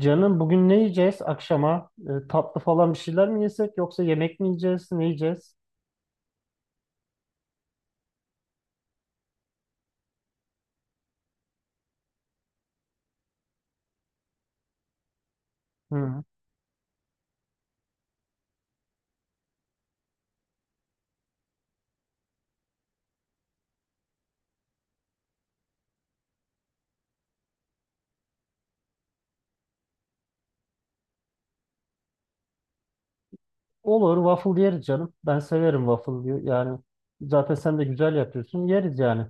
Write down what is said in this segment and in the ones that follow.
Canım bugün ne yiyeceğiz akşama? Tatlı falan bir şeyler mi yesek yoksa yemek mi yiyeceğiz? Ne yiyeceğiz? Hı. Olur, waffle yeriz canım. Ben severim waffle diyor. Yani zaten sen de güzel yapıyorsun. Yeriz yani.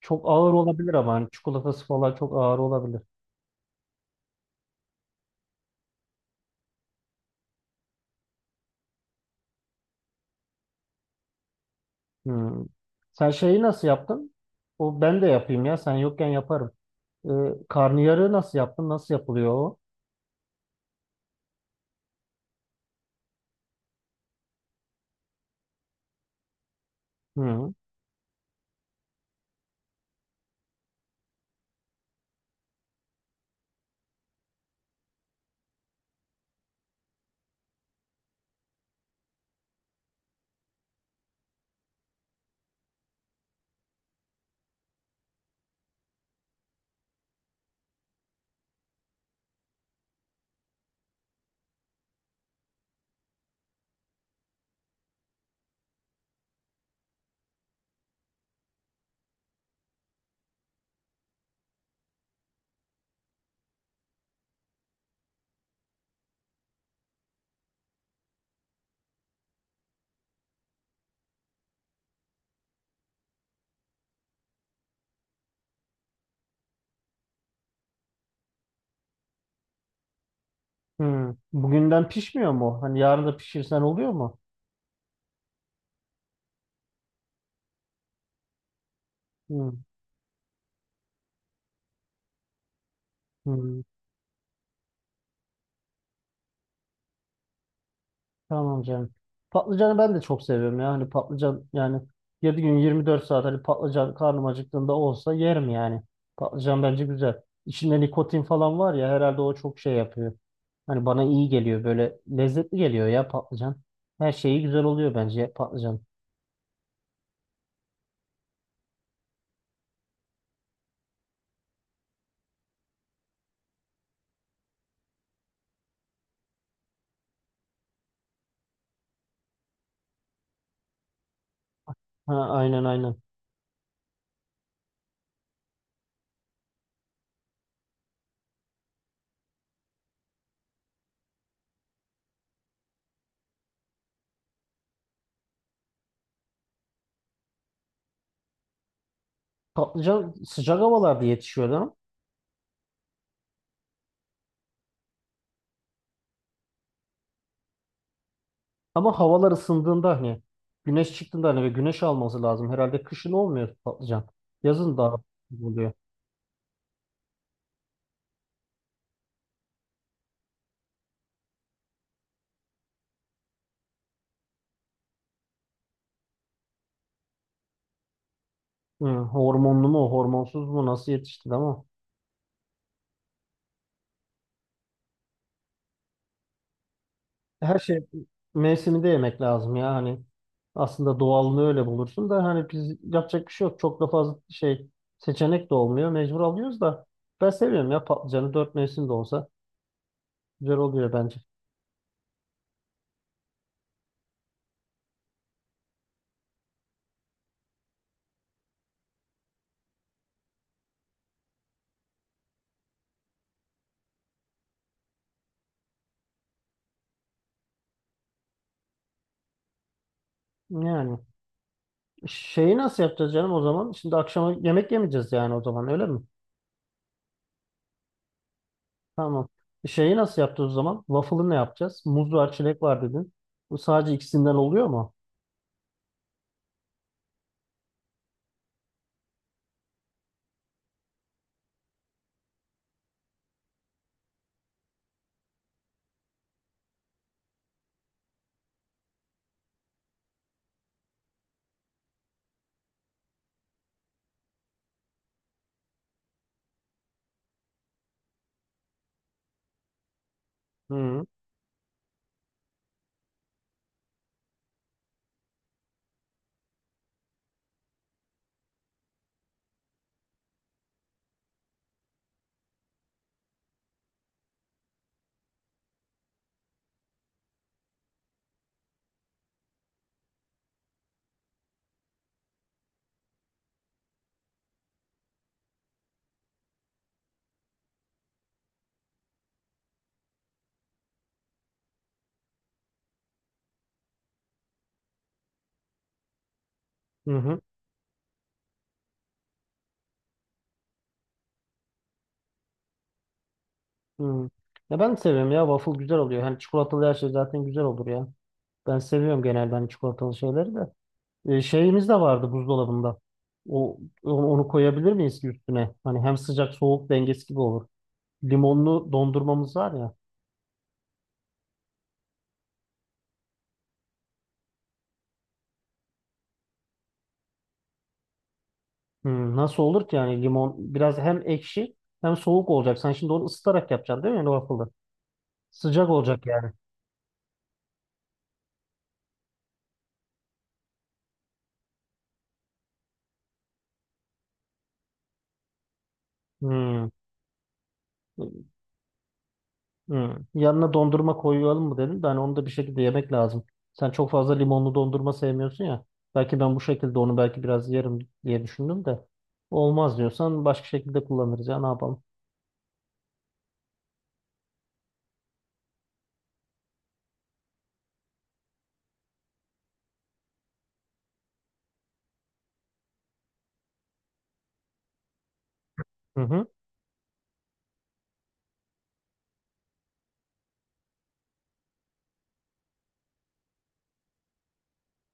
Çok ağır olabilir ama hani çikolatası falan çok ağır olabilir. Hı. Sen şeyi nasıl yaptın? O ben de yapayım ya. Sen yokken yaparım. E, karnıyarığı nasıl yaptın? Nasıl yapılıyor o? Hı. Hı. Bugünden pişmiyor mu? Hani yarın da pişirsen oluyor mu? Hı. Hı. Tamam canım. Patlıcanı ben de çok seviyorum ya. Hani patlıcan yani 7 gün 24 saat hani patlıcan karnım acıktığında olsa yerim yani. Patlıcan bence güzel. İçinde nikotin falan var ya, herhalde o çok şey yapıyor. Hani bana iyi geliyor, böyle lezzetli geliyor ya patlıcan. Her şeyi güzel oluyor bence patlıcan. Ha, aynen aynen. Patlıcan sıcak havalarda yetişiyor değil mi? Ama havalar ısındığında hani güneş çıktığında hani ve güneş alması lazım. Herhalde kışın olmuyor patlıcan. Yazın daha oluyor. Hı, hormonlu mu, hormonsuz mu, nasıl yetişti ama her şey mevsiminde yemek lazım ya hani, aslında doğalını öyle bulursun da hani biz yapacak bir şey yok. Çok da fazla şey, seçenek de olmuyor. Mecbur alıyoruz da ben seviyorum ya patlıcanı, 4 mevsim de olsa güzel oluyor bence. Yani şeyi nasıl yapacağız canım o zaman? Şimdi akşama yemek yemeyeceğiz yani o zaman, öyle mi? Tamam. Şeyi nasıl yapacağız o zaman? Waffle'ı ne yapacağız? Muz var, çilek var dedin. Bu sadece ikisinden oluyor mu? Hı hı. Hı. Hmm. Ya ben de seviyorum ya. Waffle güzel oluyor. Hani çikolatalı her şey zaten güzel olur ya. Ben seviyorum genelde hani çikolatalı şeyleri de. Şeyimiz de vardı buzdolabında. O, onu koyabilir miyiz ki üstüne? Hani hem sıcak soğuk dengesi gibi olur. Limonlu dondurmamız var ya. Hmm, nasıl olur ki yani, limon biraz hem ekşi hem soğuk olacak. Sen şimdi onu ısıtarak yapacaksın değil mi yani, waffle'ı? Sıcak olacak yani. Hmm. Hı. Yanına dondurma koyalım mı dedim de hani onu da bir şekilde yemek lazım. Sen çok fazla limonlu dondurma sevmiyorsun ya. Belki ben bu şekilde onu belki biraz yerim diye düşündüm de. Olmaz diyorsan başka şekilde kullanırız ya, ne yapalım. Hı hı.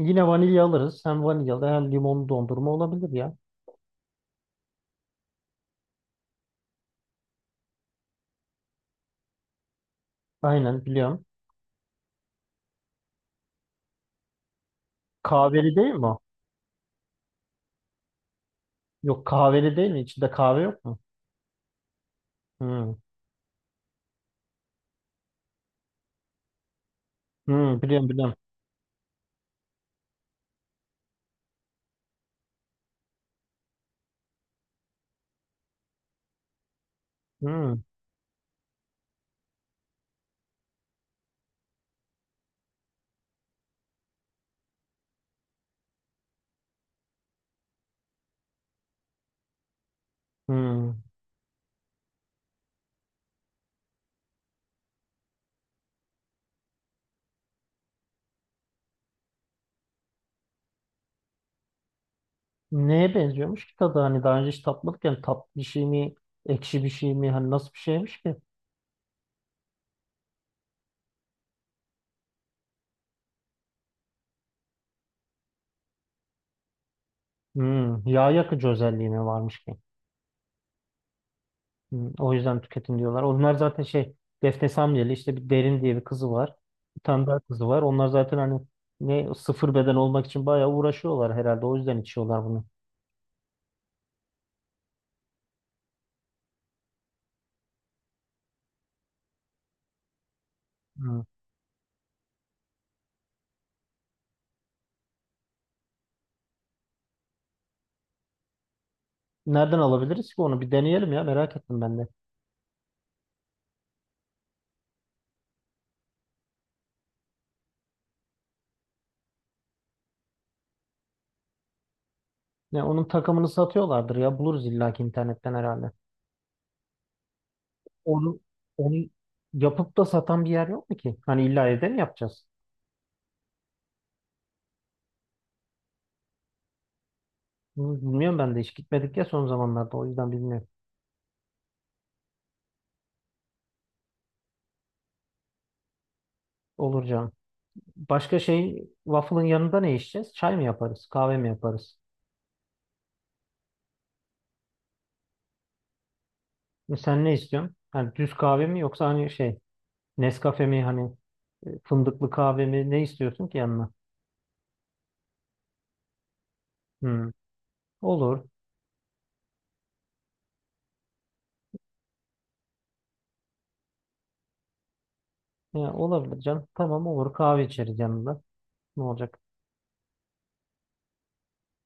Yine vanilya alırız. Hem vanilyalı hem limonlu dondurma olabilir ya. Aynen, biliyorum. Kahveli değil mi o? Yok, kahveli değil mi? İçinde kahve yok mu? Hı. Hı, biliyorum biliyorum. Hı. Hı. Neye benziyormuş ki tadı? Hani daha önce hiç tatmadık yani, tatlı bir şey mi? Ekşi bir şey mi? Hani nasıl bir şeymiş ki? Hmm, yağ yakıcı özelliğine varmış ki. Hmm, o yüzden tüketin diyorlar. Onlar zaten şey, Defne Samyeli, işte bir Derin diye bir kızı var. Bir tane daha kızı var. Onlar zaten hani ne, 0 beden olmak için bayağı uğraşıyorlar herhalde. O yüzden içiyorlar bunu. Hmm. Nereden alabiliriz ki onu? Bir deneyelim ya, merak ettim ben de. Ya onun takımını satıyorlardır ya. Buluruz illaki internetten herhalde. Onu, onu yapıp da satan bir yer yok mu ki? Hani illa evde mi yapacağız? Hmm, bilmiyorum ben de, hiç gitmedik ya son zamanlarda. O yüzden bilmiyorum. Olur canım. Başka, şey, waffle'ın yanında ne içeceğiz? Çay mı yaparız? Kahve mi yaparız? Sen ne istiyorsun? Hani düz kahve mi yoksa hani şey, Nescafe mi, hani fındıklı kahve mi, ne istiyorsun ki yanına? Hmm, olur. Ya, olabilir canım. Tamam, olur kahve içeriz yanında. Ne olacak?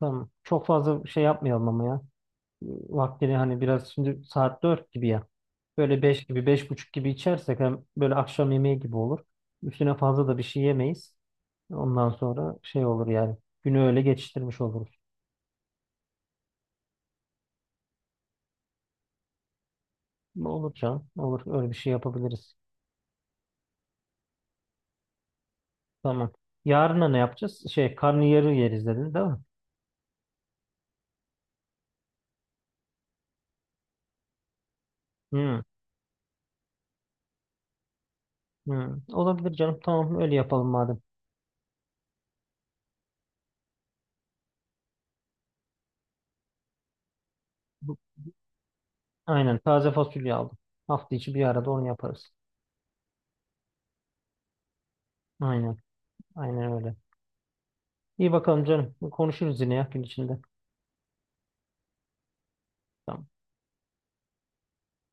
Tamam. Çok fazla şey yapmayalım ama ya. Vaktini hani biraz, şimdi saat 4 gibi ya. Böyle 5 gibi, 5.30 gibi içersek hem böyle akşam yemeği gibi olur. Üstüne fazla da bir şey yemeyiz. Ondan sonra şey olur yani. Günü öyle geçiştirmiş oluruz. Olur canım. Olur. Öyle bir şey yapabiliriz. Tamam. Yarına ne yapacağız? Şey, karnıyarı yeriz dedin değil mi? Hmm. Hmm. Olabilir canım. Tamam, öyle yapalım madem. Bu- Aynen. Taze fasulye aldım. Hafta içi bir arada onu yaparız. Aynen. Aynen öyle. İyi bakalım canım. Konuşuruz yine ya gün içinde. Tamam.